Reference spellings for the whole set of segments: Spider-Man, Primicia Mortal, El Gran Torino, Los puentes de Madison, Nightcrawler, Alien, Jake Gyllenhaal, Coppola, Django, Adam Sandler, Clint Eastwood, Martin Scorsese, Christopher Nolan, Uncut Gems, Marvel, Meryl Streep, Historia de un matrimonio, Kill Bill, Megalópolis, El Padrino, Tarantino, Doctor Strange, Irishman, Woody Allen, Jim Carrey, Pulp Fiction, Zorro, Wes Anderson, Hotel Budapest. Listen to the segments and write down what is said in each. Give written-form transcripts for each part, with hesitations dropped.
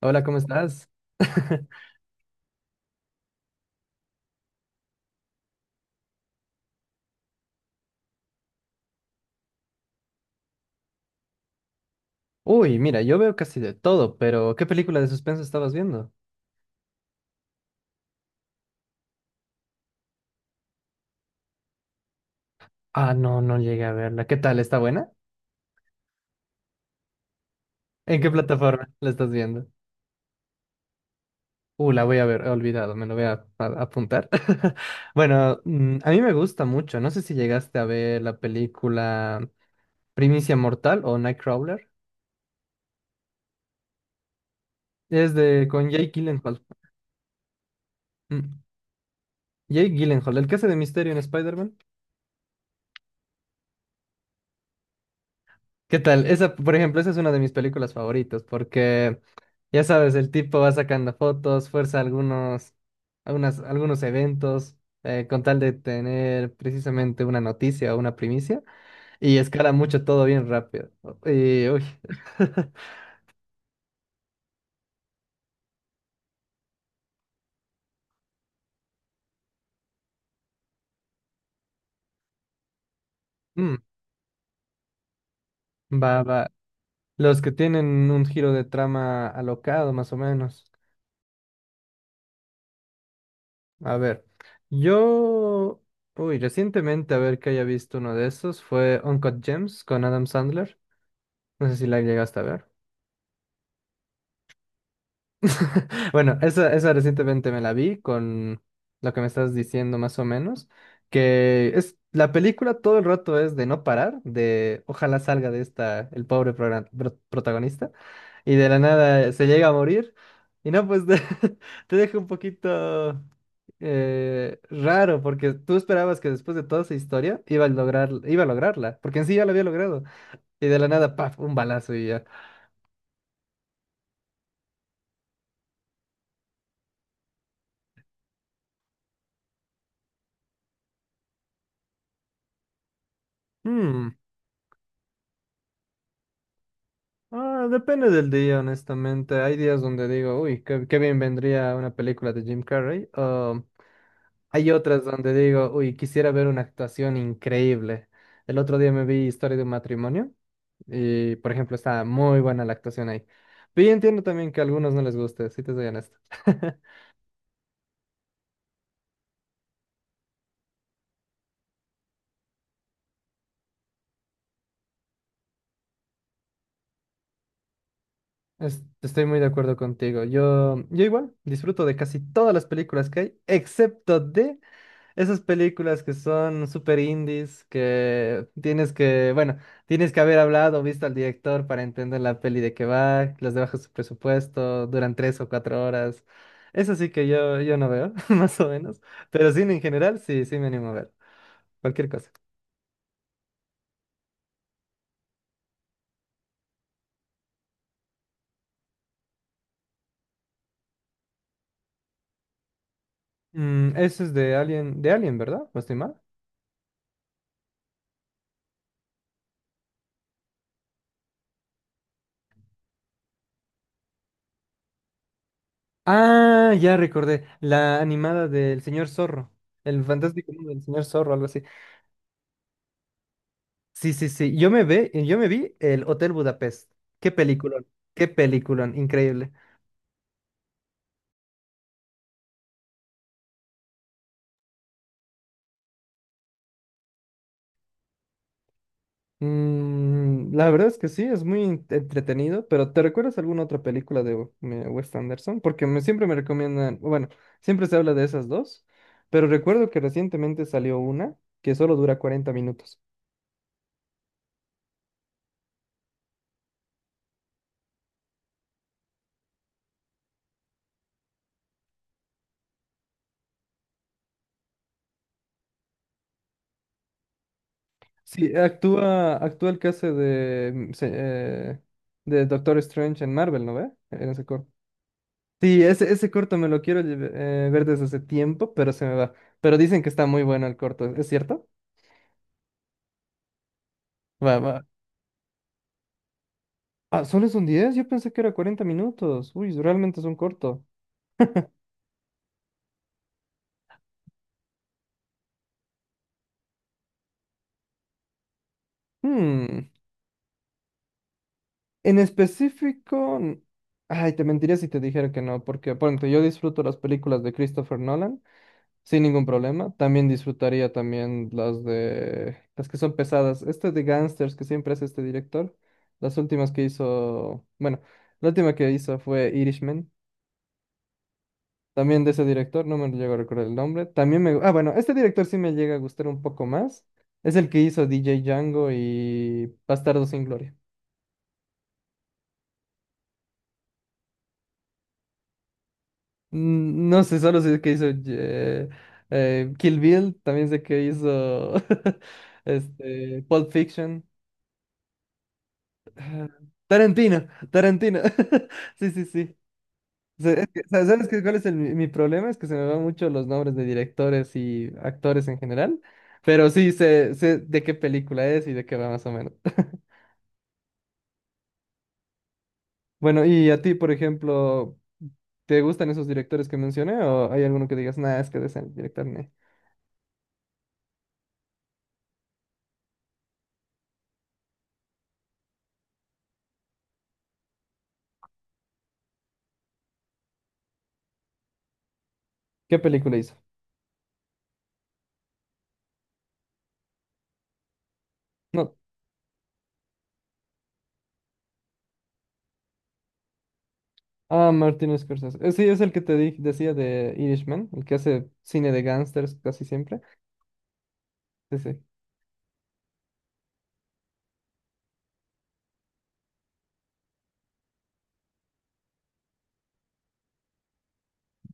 Hola, ¿cómo estás? Uy, mira, yo veo casi de todo, pero ¿qué película de suspenso estabas viendo? Ah, no, no llegué a verla. ¿Qué tal? ¿Está buena? ¿En qué plataforma la estás viendo? La voy a ver, he olvidado, me lo voy a apuntar. Bueno, a mí me gusta mucho. No sé si llegaste a ver la película Primicia Mortal o Nightcrawler. Es de con Jake Gyllenhaal. Mm, Jake Gyllenhaal, el que hace de Misterio en Spider-Man. ¿Qué tal? Esa, por ejemplo, esa es una de mis películas favoritas porque, ya sabes, el tipo va sacando fotos, fuerza algunos, algunas, algunos eventos, con tal de tener precisamente una noticia o una primicia, y escala mucho todo bien rápido. Y, uy. Mm, va, va. Los que tienen un giro de trama alocado, más o menos. A ver, yo, uy, recientemente, a ver que haya visto uno de esos, fue Uncut Gems con Adam Sandler. No sé si la llegaste a ver. Bueno, esa recientemente me la vi con lo que me estás diciendo más o menos, que es la película todo el rato es de no parar, de ojalá salga de esta el pobre protagonista y de la nada se llega a morir y no, pues te deja un poquito raro porque tú esperabas que después de toda esa historia iba a lograr, iba a lograrla, porque en sí ya lo había logrado y de la nada, paf, un balazo y ya. Ah, depende del día, honestamente. Hay días donde digo, uy, qué, qué bien vendría una película de Jim Carrey, o hay otras donde digo, uy, quisiera ver una actuación increíble. El otro día me vi Historia de un matrimonio y, por ejemplo, está muy buena la actuación ahí. Pero yo entiendo también que a algunos no les guste, si te soy honesto. Estoy muy de acuerdo contigo. Yo igual disfruto de casi todas las películas que hay, excepto de esas películas que son super indies, que tienes que, bueno, tienes que haber hablado, visto al director para entender la peli de qué va, las de bajo su presupuesto, duran 3 o 4 horas. Eso sí que yo no veo, más o menos. Pero cine en general, sí, sí me animo a ver. Cualquier cosa. Mm, eso es de Alien, ¿verdad? ¿No estoy mal? Ah, ya recordé. La animada del señor Zorro. El fantástico mundo del señor Zorro, algo así. Sí, sí, sí. Yo me vi el Hotel Budapest. Qué peliculón, qué peliculón, increíble. Mm, la verdad es que sí, es muy entretenido, pero ¿te recuerdas alguna otra película de Wes Anderson? Porque me, siempre me recomiendan, bueno, siempre se habla de esas dos, pero recuerdo que recientemente salió una que solo dura 40 minutos. Sí, actúa, actúa el que hace de, de Doctor Strange en Marvel, ¿no ve? En ese corto. Sí, ese corto me lo quiero ver desde hace tiempo, pero se me va. Pero dicen que está muy bueno el corto, ¿es cierto? Va, va. Ah, ¿solo es un 10? Yo pensé que era 40 minutos. Uy, realmente es un corto. Hmm. En específico... Ay, te mentiría si te dijera que no, porque, por ejemplo, yo disfruto las películas de Christopher Nolan sin ningún problema. También disfrutaría también las de... las que son pesadas. Este de Gangsters que siempre hace este director. Las últimas que hizo... Bueno. La última que hizo fue Irishman. También de ese director, no me llego a recordar el nombre. También me... Ah, bueno, este director sí me llega a gustar un poco más. Es el que hizo DJ Django y Bastardo sin Gloria. Mm, no sé, solo sé que hizo Kill Bill, también sé que hizo este, Pulp Fiction. Ah, Tarantino, Tarantino. Sí, sí, sí. Es que, ¿sabes cuál es mi problema? Es que se me van mucho los nombres de directores y actores en general, pero sí sé, sé de qué película es y de qué va más o menos. Bueno, y a ti, por ejemplo, ¿te gustan esos directores que mencioné o hay alguno que digas, nada, es que de ese director, ne"? ¿Qué película hizo? No. Ah, Martin Scorsese. Sí, es el que te decía de Irishman, el que hace cine de gángsters casi siempre. Sí, sí.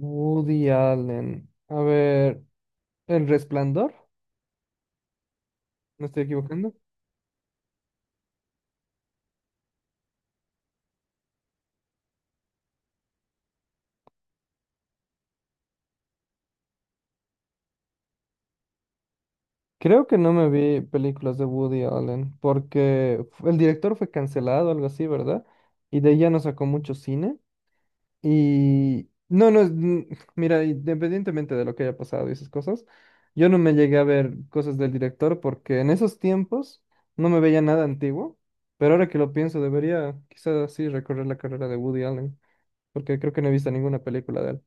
Woody Allen. A ver, El Resplandor, ¿me estoy equivocando? Creo que no me vi películas de Woody Allen porque el director fue cancelado, algo así, ¿verdad? Y de ahí ya no sacó mucho cine. Y no, no, mira, independientemente de lo que haya pasado y esas cosas, yo no me llegué a ver cosas del director porque en esos tiempos no me veía nada antiguo, pero ahora que lo pienso debería quizás sí recorrer la carrera de Woody Allen porque creo que no he visto ninguna película de él.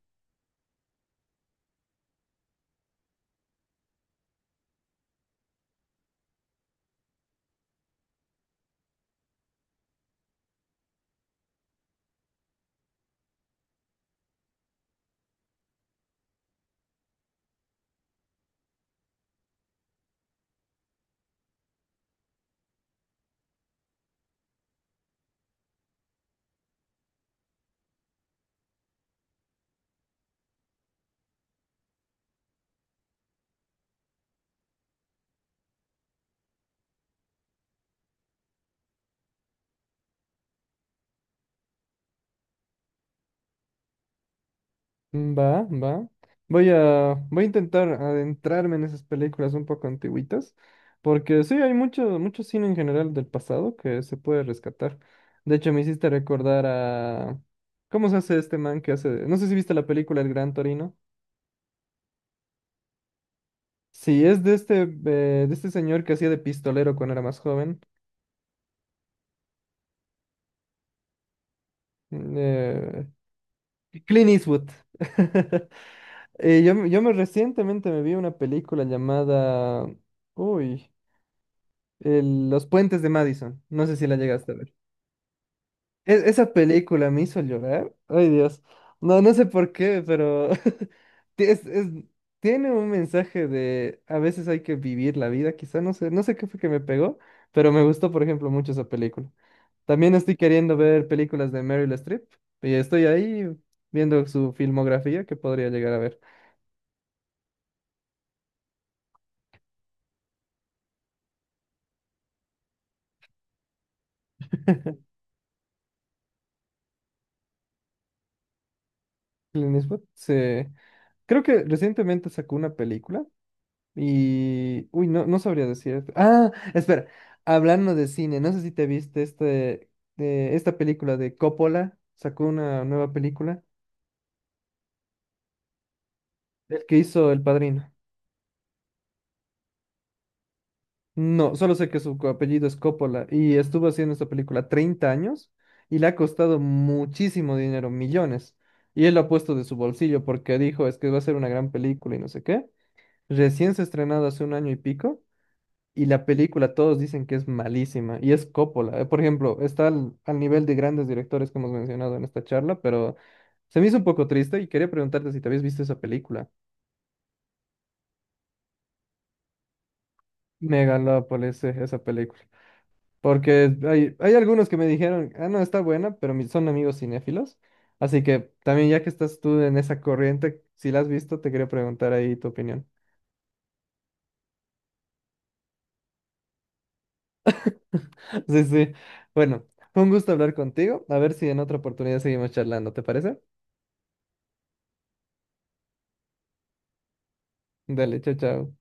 Mm, va, va. Voy a intentar adentrarme en esas películas un poco antiguitas, porque sí, hay mucho, mucho cine en general del pasado que se puede rescatar. De hecho, me hiciste recordar a... ¿Cómo se hace este man que hace... No sé si viste la película El Gran Torino. Sí, es de este señor que hacía de pistolero cuando era más joven. mm, Eh, Clint Eastwood. Yo me Recientemente me vi una película llamada... Uy. Los puentes de Madison. No sé si la llegaste a ver. Esa película me hizo llorar. Ay, Dios. No, no sé por qué, pero ti- es- es- tiene un mensaje de a veces hay que vivir la vida, quizá no sé, no sé qué fue que me pegó, pero me gustó, por ejemplo, mucho esa película. También estoy queriendo ver películas de Meryl Streep y estoy ahí viendo su filmografía que podría llegar a ver. Clint Eastwood, sí. Creo que recientemente sacó una película. Y, uy, no, no sabría decirte. Ah, espera, hablando de cine, no sé si te viste este, de esta película de Coppola, sacó una nueva película, el que hizo El Padrino. No, solo sé que su apellido es Coppola y estuvo haciendo esta película 30 años y le ha costado muchísimo dinero, millones. Y él lo ha puesto de su bolsillo porque dijo, es que va a ser una gran película y no sé qué. Recién se ha estrenado hace un año y pico. Y la película, todos dicen que es malísima, y es Coppola. Por ejemplo, está al, al nivel de grandes directores que hemos mencionado en esta charla, pero se me hizo un poco triste y quería preguntarte si te habías visto esa película. Megalópolis, esa película. Porque hay algunos que me dijeron, ah, no, está buena, pero son amigos cinéfilos. Así que también ya que estás tú en esa corriente, si la has visto, te quería preguntar ahí tu opinión. Sí, sí. Bueno, fue un gusto hablar contigo. A ver si en otra oportunidad seguimos charlando, ¿te parece? Dale, chao, chao.